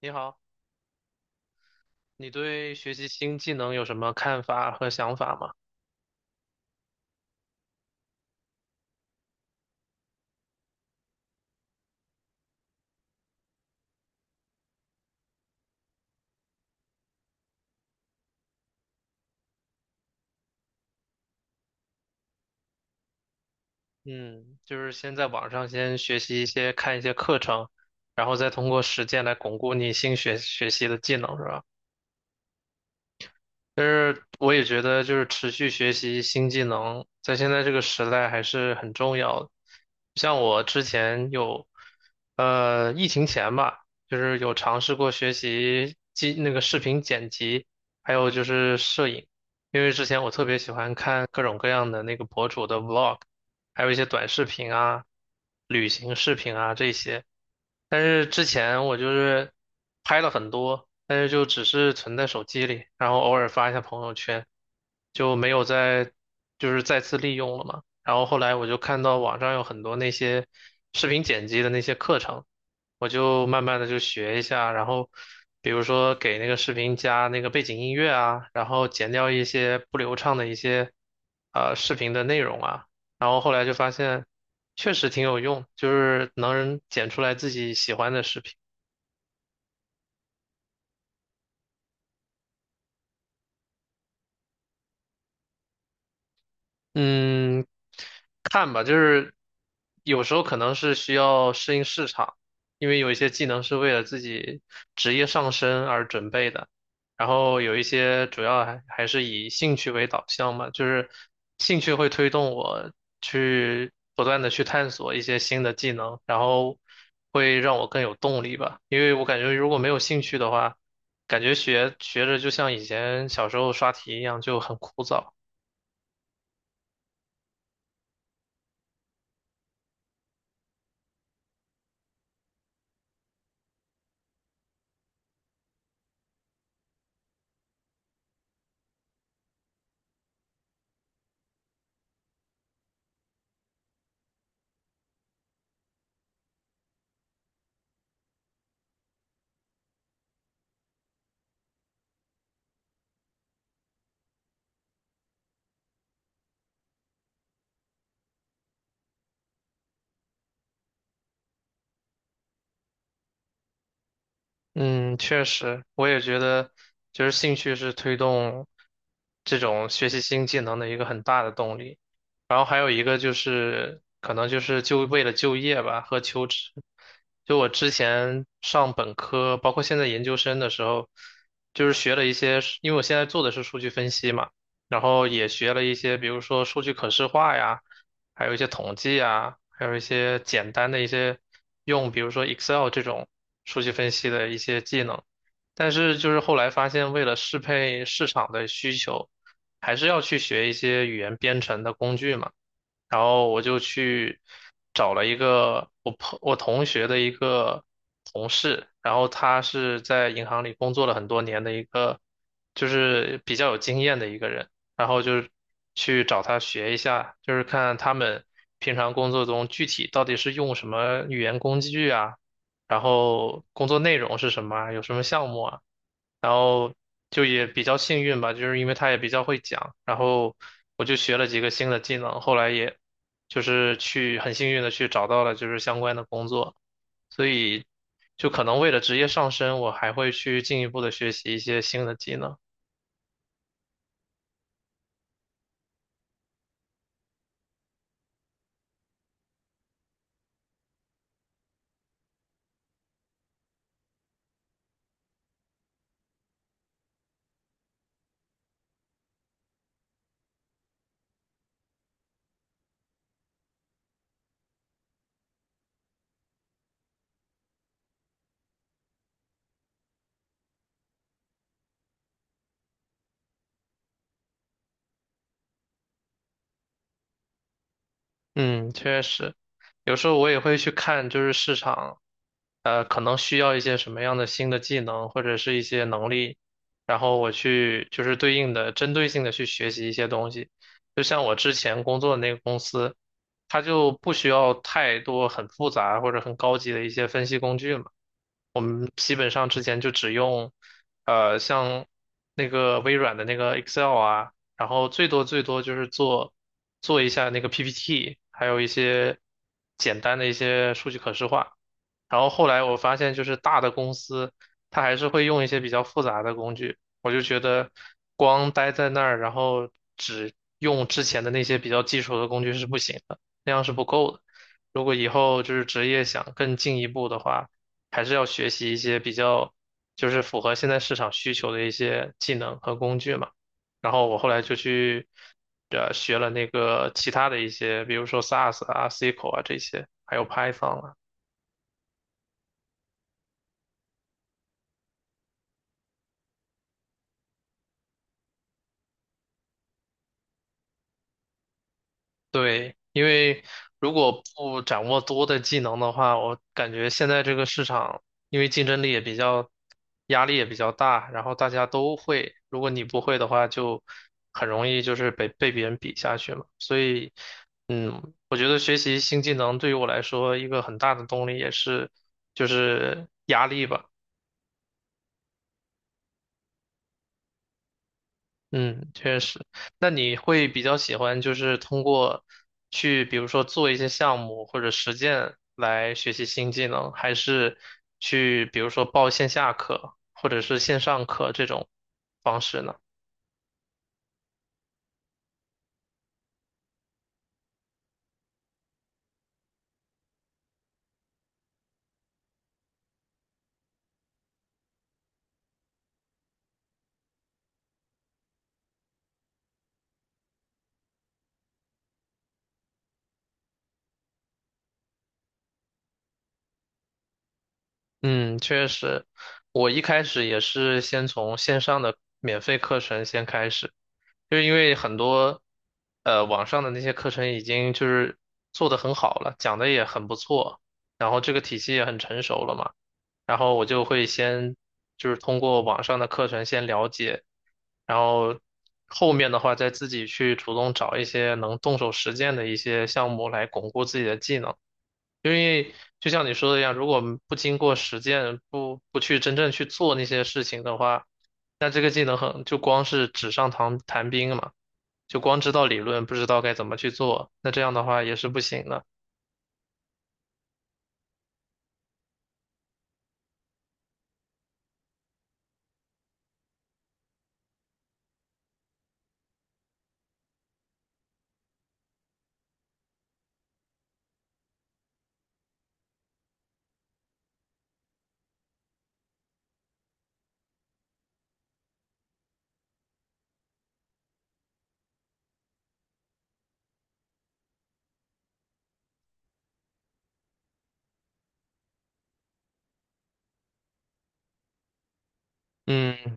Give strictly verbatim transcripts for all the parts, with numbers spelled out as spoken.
你好，你对学习新技能有什么看法和想法吗？嗯，就是先在网上先学习一些，看一些课程，然后再通过实践来巩固你新学学习的技能，是吧？但是我也觉得，就是持续学习新技能，在现在这个时代还是很重要的。像我之前有，呃，疫情前吧，就是有尝试过学习技那个视频剪辑，还有就是摄影，因为之前我特别喜欢看各种各样的那个博主的 vlog，还有一些短视频啊、旅行视频啊这些。但是之前我就是拍了很多，但是就只是存在手机里，然后偶尔发一下朋友圈，就没有再就是再次利用了嘛。然后后来我就看到网上有很多那些视频剪辑的那些课程，我就慢慢的就学一下，然后比如说给那个视频加那个背景音乐啊，然后剪掉一些不流畅的一些呃视频的内容啊。然后后来就发现确实挺有用，就是能剪出来自己喜欢的视频。嗯，看吧，就是有时候可能是需要适应市场，因为有一些技能是为了自己职业上升而准备的，然后有一些主要还还是以兴趣为导向嘛，就是兴趣会推动我去不断的去探索一些新的技能，然后会让我更有动力吧，因为我感觉如果没有兴趣的话，感觉学学着就像以前小时候刷题一样，就很枯燥。嗯，确实，我也觉得，就是兴趣是推动这种学习新技能的一个很大的动力。然后还有一个就是可能就是就为了就业吧和求职，就我之前上本科，包括现在研究生的时候，就是学了一些，因为我现在做的是数据分析嘛，然后也学了一些，比如说数据可视化呀，还有一些统计啊，还有一些简单的一些用，比如说 Excel 这种数据分析的一些技能，但是就是后来发现，为了适配市场的需求。还是要去学一些语言编程的工具嘛。然后我就去找了一个我朋我同学的一个同事，然后他是在银行里工作了很多年的一个，就是比较有经验的一个人，然后就是去找他学一下，就是看他们平常工作中具体到底是用什么语言工具啊，然后工作内容是什么啊，有什么项目啊。然后就也比较幸运吧，就是因为他也比较会讲，然后我就学了几个新的技能，后来也就是去很幸运的去找到了就是相关的工作，所以就可能为了职业上升，我还会去进一步的学习一些新的技能。嗯，确实，有时候我也会去看，就是市场，呃，可能需要一些什么样的新的技能或者是一些能力，然后我去就是对应的针对性的去学习一些东西。就像我之前工作的那个公司，它就不需要太多很复杂或者很高级的一些分析工具嘛。我们基本上之前就只用，呃，像那个微软的那个 Excel 啊，然后最多最多就是做做一下那个 P P T，还有一些简单的一些数据可视化。然后后来我发现，就是大的公司，它还是会用一些比较复杂的工具。我就觉得，光待在那儿，然后只用之前的那些比较基础的工具是不行的，那样是不够的。如果以后就是职业想更进一步的话，还是要学习一些比较就是符合现在市场需求的一些技能和工具嘛。然后我后来就去呃学了那个其他的一些，比如说 S A S 啊、S Q L 啊这些，还有 Python 啊。对，因为如果不掌握多的技能的话，我感觉现在这个市场，因为竞争力也比较，压力也比较大，然后大家都会，如果你不会的话，就很容易就是被被别人比下去嘛。所以，嗯，我觉得学习新技能对于我来说，一个很大的动力也是就是压力吧。嗯，确实。那你会比较喜欢就是通过去，比如说做一些项目或者实践来学习新技能，还是去比如说报线下课或者是线上课这种方式呢？嗯，确实，我一开始也是先从线上的免费课程先开始，就是因为很多呃网上的那些课程已经就是做得很好了，讲的也很不错，然后这个体系也很成熟了嘛。然后我就会先就是通过网上的课程先了解，然后后面的话再自己去主动找一些能动手实践的一些项目来巩固自己的技能。就像你说的一样，如果不经过实践，不不去真正去做那些事情的话，那这个技能很就光是纸上谈谈兵嘛，就光知道理论，不知道该怎么去做，那这样的话也是不行的。嗯，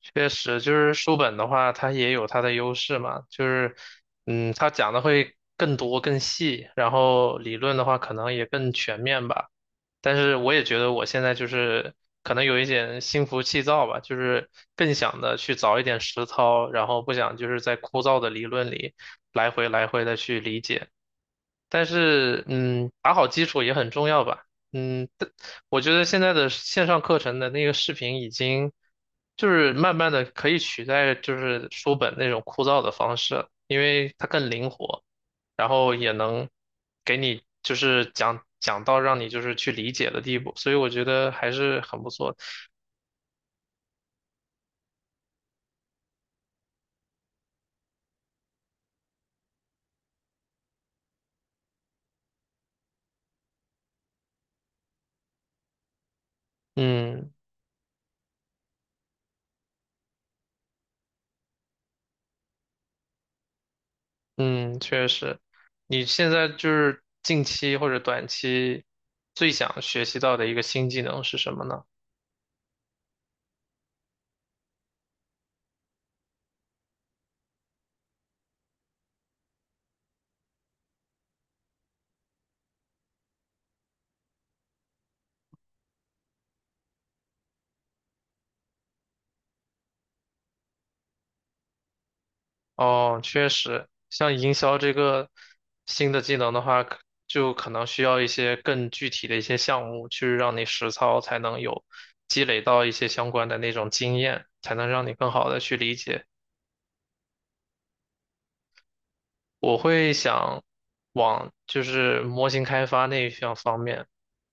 确实，就是书本的话，它也有它的优势嘛，就是，嗯，它讲的会更多更细，然后理论的话可能也更全面吧。但是我也觉得我现在就是可能有一点心浮气躁吧，就是更想的去早一点实操，然后不想就是在枯燥的理论里来回来回的去理解。但是，嗯，打好基础也很重要吧。嗯，但我觉得现在的线上课程的那个视频已经就是慢慢的可以取代就是书本那种枯燥的方式了，因为它更灵活。然后也能给你就是讲讲到让你就是去理解的地步，所以我觉得还是很不错的。嗯嗯，确实，你现在就是近期或者短期最想学习到的一个新技能是什么呢？哦，确实，像营销这个新的技能的话，可就可能需要一些更具体的一些项目去让你实操，才能有积累到一些相关的那种经验，才能让你更好的去理解。我会想往就是模型开发那一项方面，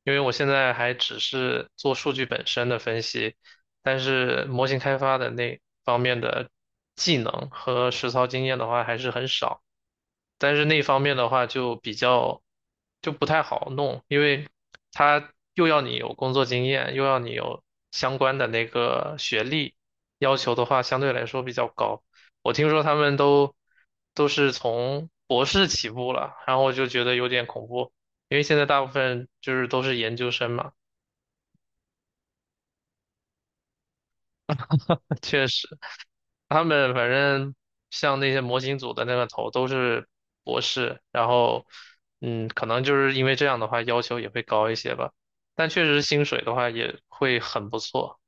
因为我现在还只是做数据本身的分析，但是模型开发的那方面的技能和实操经验的话还是很少，但是那方面的话就比较就不太好弄，因为他又要你有工作经验，又要你有相关的那个学历，要求的话相对来说比较高。我听说他们都都是从博士起步了，然后我就觉得有点恐怖，因为现在大部分就是都是研究生嘛，确实。他们反正像那些模型组的那个头都是博士，然后嗯，可能就是因为这样的话要求也会高一些吧，但确实薪水的话也会很不错。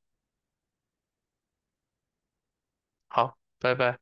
好，拜拜。